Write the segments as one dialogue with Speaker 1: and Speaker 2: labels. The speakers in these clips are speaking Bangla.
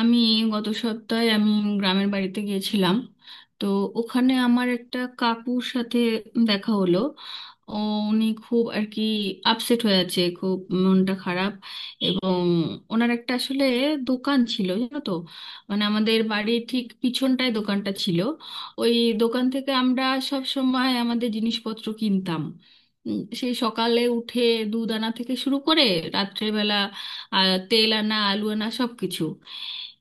Speaker 1: আমি গত সপ্তাহে আমি গ্রামের বাড়িতে গিয়েছিলাম। তো ওখানে আমার একটা কাকুর সাথে দেখা হলো। ও উনি খুব আর কি আপসেট হয়ে আছে, খুব মনটা খারাপ। এবং ওনার একটা আসলে দোকান ছিল, জানো তো, মানে আমাদের বাড়ির ঠিক পিছনটায় দোকানটা ছিল। ওই দোকান থেকে আমরা সব সময় আমাদের জিনিসপত্র কিনতাম। সেই সকালে উঠে দুধ আনা থেকে শুরু করে রাত্রেবেলা তেল আনা, আলু আনা, সব কিছু।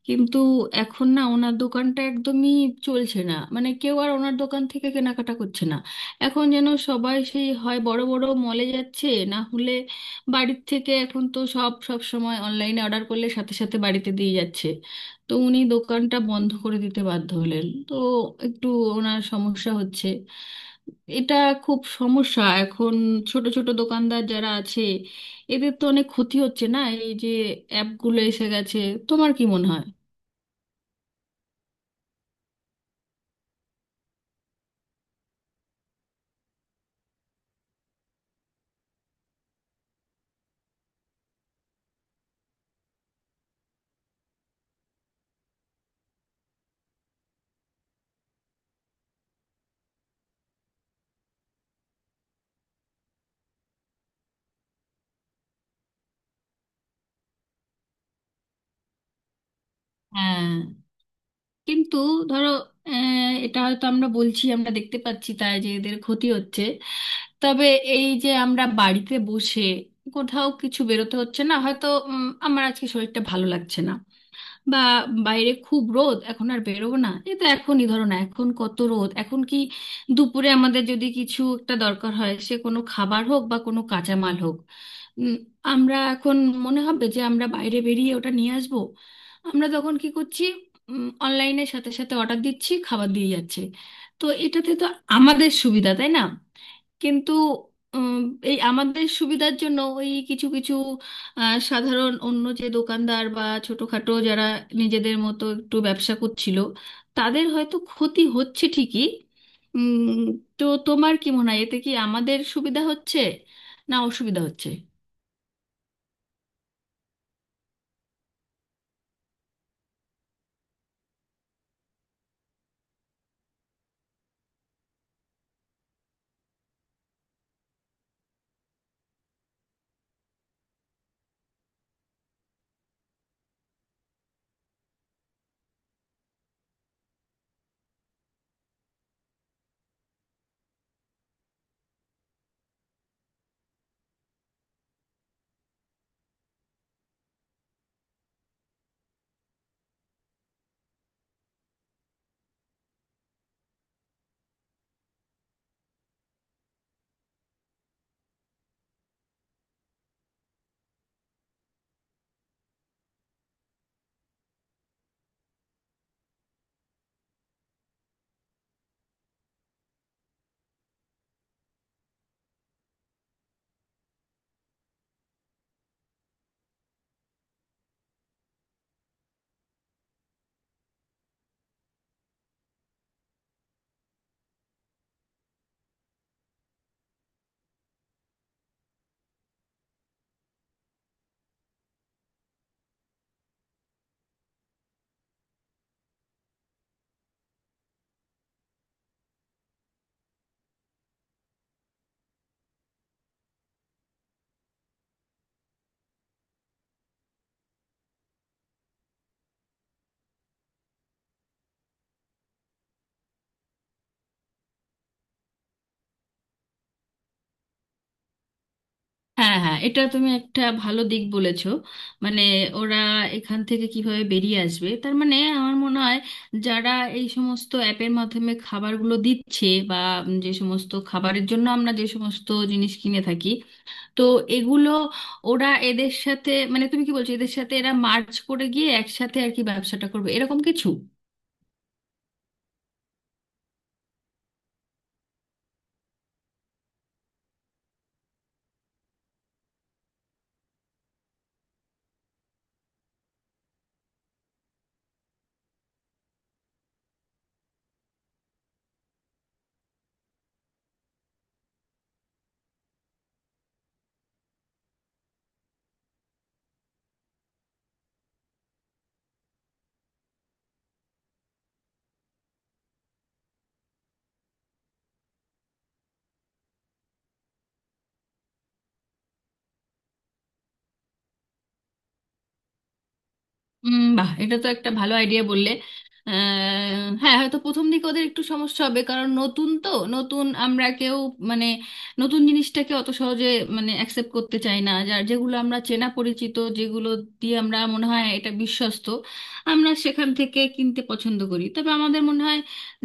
Speaker 1: কিন্তু এখন না ওনার দোকানটা একদমই চলছে না, মানে কেউ আর ওনার দোকান থেকে কেনাকাটা করছে না। এখন যেন সবাই সেই হয় বড় বড় মলে যাচ্ছে, না হলে বাড়ির থেকে এখন তো সব সব সময় অনলাইনে অর্ডার করলে সাথে সাথে বাড়িতে দিয়ে যাচ্ছে। তো উনি দোকানটা বন্ধ করে দিতে বাধ্য হলেন। তো একটু ওনার সমস্যা হচ্ছে এটা, খুব সমস্যা এখন। ছোট ছোট দোকানদার যারা আছে, এদের তো অনেক ক্ষতি হচ্ছে না এই যে অ্যাপগুলো এসে গেছে। তোমার কি মনে হয়? হ্যাঁ, কিন্তু ধরো, এটা হয়তো আমরা বলছি, আমরা দেখতে পাচ্ছি তাই যে এদের ক্ষতি হচ্ছে। তবে এই যে আমরা বাড়িতে বসে, কোথাও কিছু বেরোতে হচ্ছে না, হয়তো আমার আজকে শরীরটা ভালো লাগছে না, বা বাইরে খুব রোদ, এখন আর বেরোবো না, এ তো এখনই ধরো না এখন কত রোদ। এখন কি দুপুরে আমাদের যদি কিছু একটা দরকার হয়, সে কোনো খাবার হোক বা কোনো কাঁচামাল হোক, উম, আমরা এখন মনে হবে যে আমরা বাইরে বেরিয়ে ওটা নিয়ে আসবো। আমরা তখন কি করছি? অনলাইনের সাথে সাথে অর্ডার দিচ্ছি, খাবার দিয়ে যাচ্ছে। তো এটাতে তো আমাদের সুবিধা, তাই না? কিন্তু উম, এই আমাদের সুবিধার জন্য ওই কিছু কিছু সাধারণ অন্য যে দোকানদার বা ছোটখাটো যারা নিজেদের মতো একটু ব্যবসা করছিল, তাদের হয়তো ক্ষতি হচ্ছে ঠিকই। উম, তো তোমার কি মনে হয় এতে কি আমাদের সুবিধা হচ্ছে না অসুবিধা হচ্ছে? হ্যাঁ, হ্যাঁ, এটা তুমি একটা ভালো দিক বলেছো। মানে ওরা এখান থেকে কিভাবে বেরিয়ে আসবে, তার মানে আমার মনে হয় যারা এই সমস্ত অ্যাপের মাধ্যমে খাবারগুলো দিচ্ছে, বা উম যে সমস্ত খাবারের জন্য আমরা যে সমস্ত জিনিস কিনে থাকি, তো এগুলো ওরা এদের সাথে, মানে তুমি কি বলছো এদের সাথে এরা মার্চ করে গিয়ে একসাথে আর কি ব্যবসাটা করবে, এরকম কিছু? উম, বাহ, এটা তো একটা ভালো আইডিয়া বললে। হ্যাঁ, হয়তো প্রথম দিকে ওদের একটু সমস্যা হবে, কারণ নতুন তো। নতুন আমরা কেউ মানে নতুন জিনিসটাকে অত সহজে মানে অ্যাকসেপ্ট করতে চাই না, যার যেগুলো আমরা চেনা পরিচিত, যেগুলো দিয়ে আমরা মনে হয় এটা বিশ্বস্ত, আমরা সেখান থেকে কিনতে পছন্দ করি। তবে আমাদের মনে হয়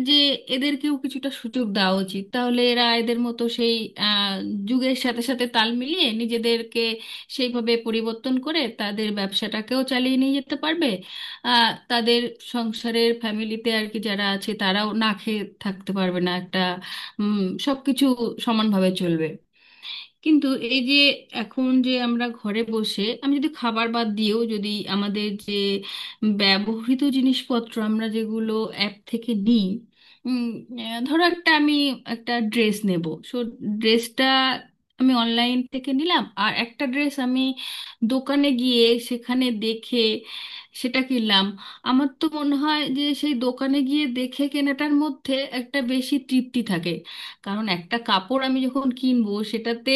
Speaker 1: যে এদেরকেও কিছুটা সুযোগ দেওয়া উচিত, তাহলে এরা এদের মতো সেই আহ, যুগের সাথে সাথে তাল মিলিয়ে নিজেদেরকে সেইভাবে পরিবর্তন করে তাদের ব্যবসাটাকেও চালিয়ে নিয়ে যেতে পারবে। তাদের সংসারের ফ্যামিলিতে আর কি যারা আছে তারাও না খেয়ে থাকতে পারবে না, একটা সব কিছু সমানভাবে চলবে। কিন্তু এই যে এখন যে আমরা ঘরে বসে আমি যদি খাবার বাদ দিয়েও, যদি আমাদের যে ব্যবহৃত জিনিসপত্র আমরা যেগুলো অ্যাপ থেকে নিই, উম, ধরো একটা আমি একটা ড্রেস নেব, সো ড্রেসটা আমি অনলাইন থেকে নিলাম, আর একটা ড্রেস আমি দোকানে গিয়ে সেখানে দেখে সেটা কিনলাম। আমার তো মনে হয় যে সেই দোকানে গিয়ে দেখে কেনাটার মধ্যে একটা বেশি তৃপ্তি থাকে। কারণ একটা কাপড় আমি যখন কিনবো সেটাতে,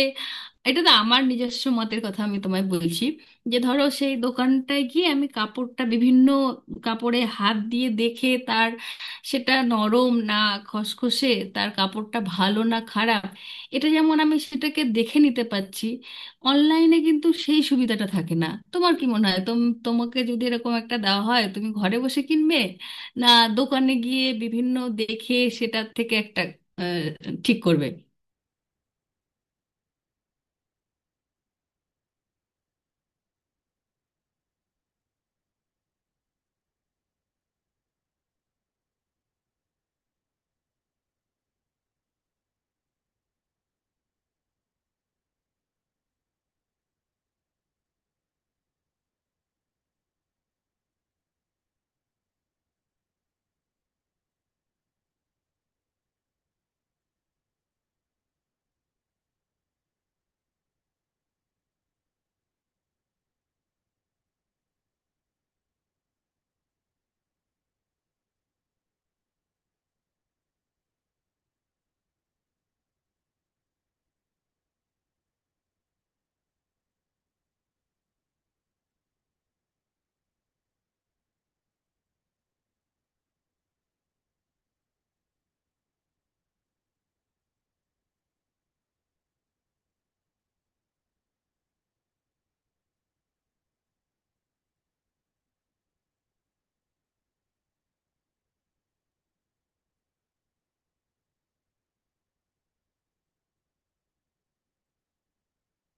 Speaker 1: এটা না আমার নিজস্ব মতের কথা আমি তোমায় বলছি, যে ধরো সেই দোকানটায় গিয়ে আমি কাপড়টা বিভিন্ন কাপড়ে হাত দিয়ে দেখে তার, সেটা নরম না খসখসে, তার কাপড়টা ভালো না খারাপ, এটা যেমন আমি সেটাকে দেখে নিতে পারছি, অনলাইনে কিন্তু সেই সুবিধাটা থাকে না। তোমার কি মনে হয়, তোমাকে যদি এরকম একটা দেওয়া হয় তুমি ঘরে বসে কিনবে, না দোকানে গিয়ে বিভিন্ন দেখে সেটা থেকে একটা আহ, ঠিক করবে?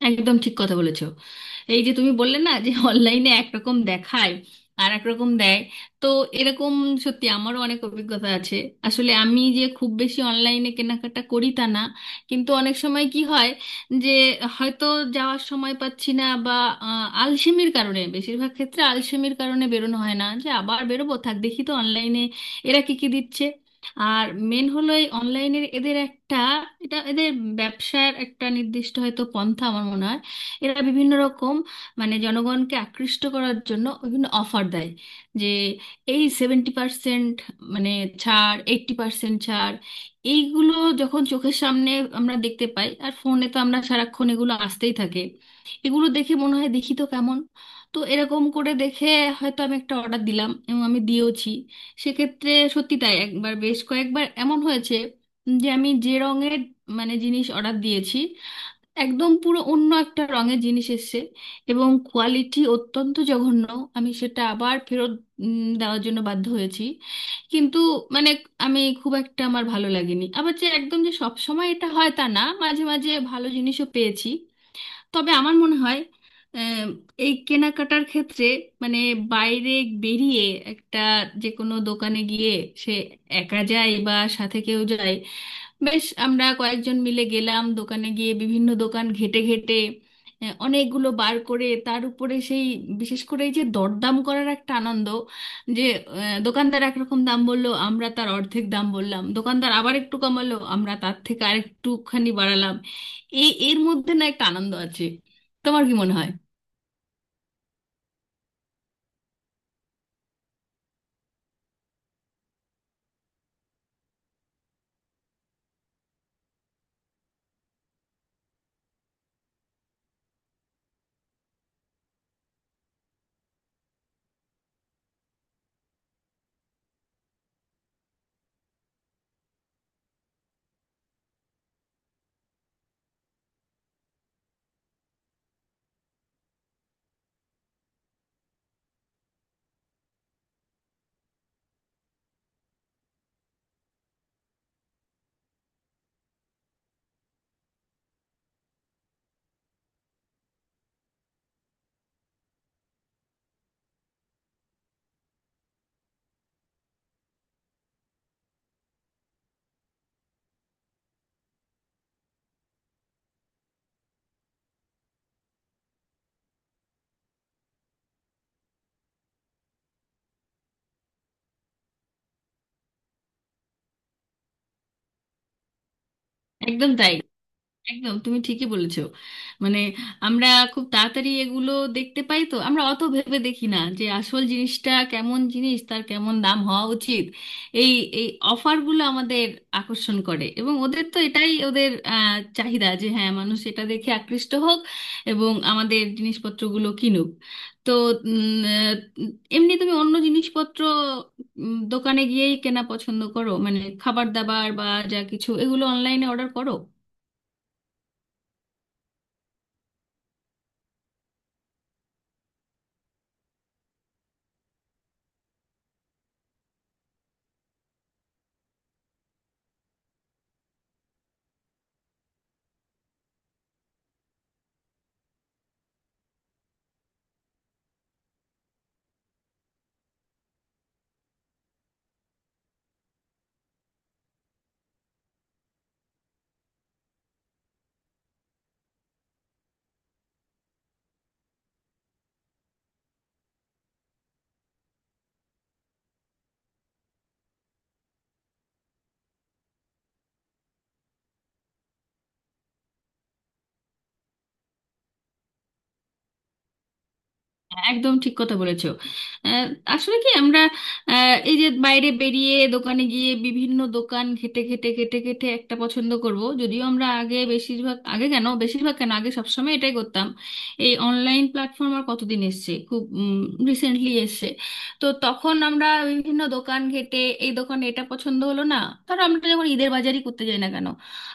Speaker 1: একদম ঠিক কথা বলেছো। এই যে তুমি বললে না যে অনলাইনে একরকম দেখায় আর একরকম দেয়, তো এরকম সত্যি আমারও অনেক অভিজ্ঞতা আছে। আসলে আমি যে খুব বেশি অনলাইনে কেনাকাটা করি তা না, কিন্তু অনেক সময় কি হয় যে হয়তো যাওয়ার সময় পাচ্ছি না, বা আলসেমির কারণে, বেশিরভাগ ক্ষেত্রে আলসেমির কারণে বেরোনো হয় না, যে আবার বেরোবো, থাক দেখি তো অনলাইনে এরা কি কি দিচ্ছে। আর মেন হলো এই অনলাইনের এদের একটা, এটা এদের ব্যবসার একটা নির্দিষ্ট হয়তো পন্থা আমার মনে হয়। এরা বিভিন্ন রকম মানে জনগণকে আকৃষ্ট করার জন্য বিভিন্ন অফার দেয়, যে এই 70% মানে ছাড়, 80% ছাড়। এইগুলো যখন চোখের সামনে আমরা দেখতে পাই, আর ফোনে তো আমরা সারাক্ষণ এগুলো আসতেই থাকে, এগুলো দেখে মনে হয় দেখি তো কেমন। তো এরকম করে দেখে হয়তো আমি একটা অর্ডার দিলাম, এবং আমি দিয়েওছি। সেক্ষেত্রে সত্যি তাই, একবার বেশ কয়েকবার এমন হয়েছে যে আমি যে রঙের মানে জিনিস অর্ডার দিয়েছি, একদম পুরো অন্য একটা রঙের জিনিস এসেছে, এবং কোয়ালিটি অত্যন্ত জঘন্য। আমি সেটা আবার ফেরত দেওয়ার জন্য বাধ্য হয়েছি। কিন্তু মানে আমি খুব একটা, আমার ভালো লাগেনি। আবার যে একদম যে সব সময় এটা হয় তা না, মাঝে মাঝে ভালো জিনিসও পেয়েছি। তবে আমার মনে হয় আহ, এই কেনাকাটার ক্ষেত্রে মানে বাইরে বেরিয়ে একটা যে কোনো দোকানে গিয়ে, সে একা যায় বা সাথে কেউ যায়, বেশ আমরা কয়েকজন মিলে গেলাম দোকানে গিয়ে বিভিন্ন দোকান ঘেটে ঘেটে অনেকগুলো বার করে, তার উপরে সেই বিশেষ করে এই যে দরদাম করার একটা আনন্দ, যে দোকানদার একরকম দাম বললো, আমরা তার অর্ধেক দাম বললাম, দোকানদার আবার একটু কমালো, আমরা তার থেকে আরেকটুখানি বাড়ালাম, এই এর মধ্যে না একটা আনন্দ আছে। তোমার কি মনে হয়? একদম তাই, একদম তুমি ঠিকই বলেছো। মানে আমরা খুব তাড়াতাড়ি এগুলো দেখতে পাই, তো আমরা অত ভেবে দেখি না যে আসল জিনিসটা কেমন জিনিস, তার কেমন দাম হওয়া উচিত। এই এই অফারগুলো আমাদের আকর্ষণ করে, এবং ওদের তো এটাই ওদের চাহিদা, যে হ্যাঁ মানুষ এটা দেখে আকৃষ্ট হোক এবং আমাদের জিনিসপত্রগুলো কিনুক। তো উম, আহ, এমনি তুমি অন্য জিনিসপত্র দোকানে গিয়েই কেনা পছন্দ করো, মানে খাবার দাবার বা যা কিছু, এগুলো অনলাইনে অর্ডার করো? একদম ঠিক কথা বলেছো। আহ, আসলে কি আমরা এই যে বাইরে বেরিয়ে দোকানে গিয়ে বিভিন্ন দোকান খেটে খেটে খেটে খেটে একটা পছন্দ করব, যদিও আমরা আগে বেশিরভাগ আগে কেন বেশিরভাগ কেন আগে সবসময় এটাই করতাম। এই অনলাইন প্ল্যাটফর্ম আর কতদিন এসছে, খুব রিসেন্টলি এসছে। তো তখন আমরা বিভিন্ন দোকান ঘেটে, এই দোকানে এটা পছন্দ হলো না, ধরো আমরা যখন ঈদের বাজারই করতে যাই না কেন,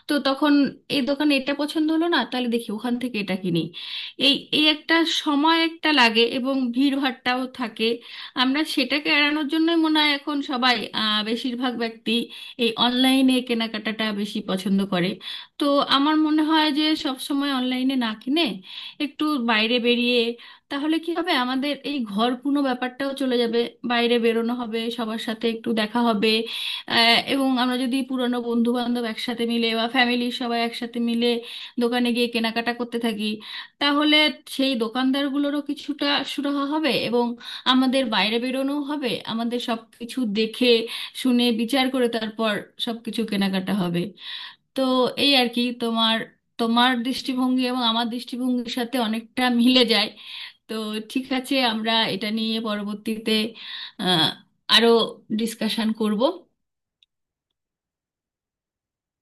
Speaker 1: তো তখন এই দোকানে এটা পছন্দ হলো না, তাহলে দেখি ওখান থেকে এটা কিনি, এই এই একটা সময় একটা লাগে এবং ভিড়ভাট্টাও থাকে। আমরা সেটাকে এড়ানোর জন্যই মনে হয় এখন সবাই বেশিরভাগ ব্যক্তি এই অনলাইনে কেনাকাটাটা বেশি পছন্দ করে। তো আমার মনে হয় যে সব সময় অনলাইনে না কিনে, একটু বাইরে বেরিয়ে, তাহলে কি হবে আমাদের এই ঘরকুনো ব্যাপারটাও চলে যাবে, বাইরে বেরোনো হবে, সবার সাথে একটু দেখা হবে। এবং আমরা যদি পুরনো বন্ধু বান্ধব একসাথে মিলে বা ফ্যামিলির সবাই একসাথে মিলে দোকানে গিয়ে কেনাকাটা করতে থাকি, তাহলে সেই দোকানদারগুলোরও কিছুটা সুরাহা হবে, এবং আমাদের বাইরে বেরোনো হবে, আমাদের সব কিছু দেখে শুনে বিচার করে তারপর সব কিছু কেনাকাটা হবে। তো এই আর কি, তোমার তোমার দৃষ্টিভঙ্গি এবং আমার দৃষ্টিভঙ্গির সাথে অনেকটা মিলে যায়। তো ঠিক আছে, আমরা এটা নিয়ে পরবর্তীতে আহ আরো ডিসকাশন করব।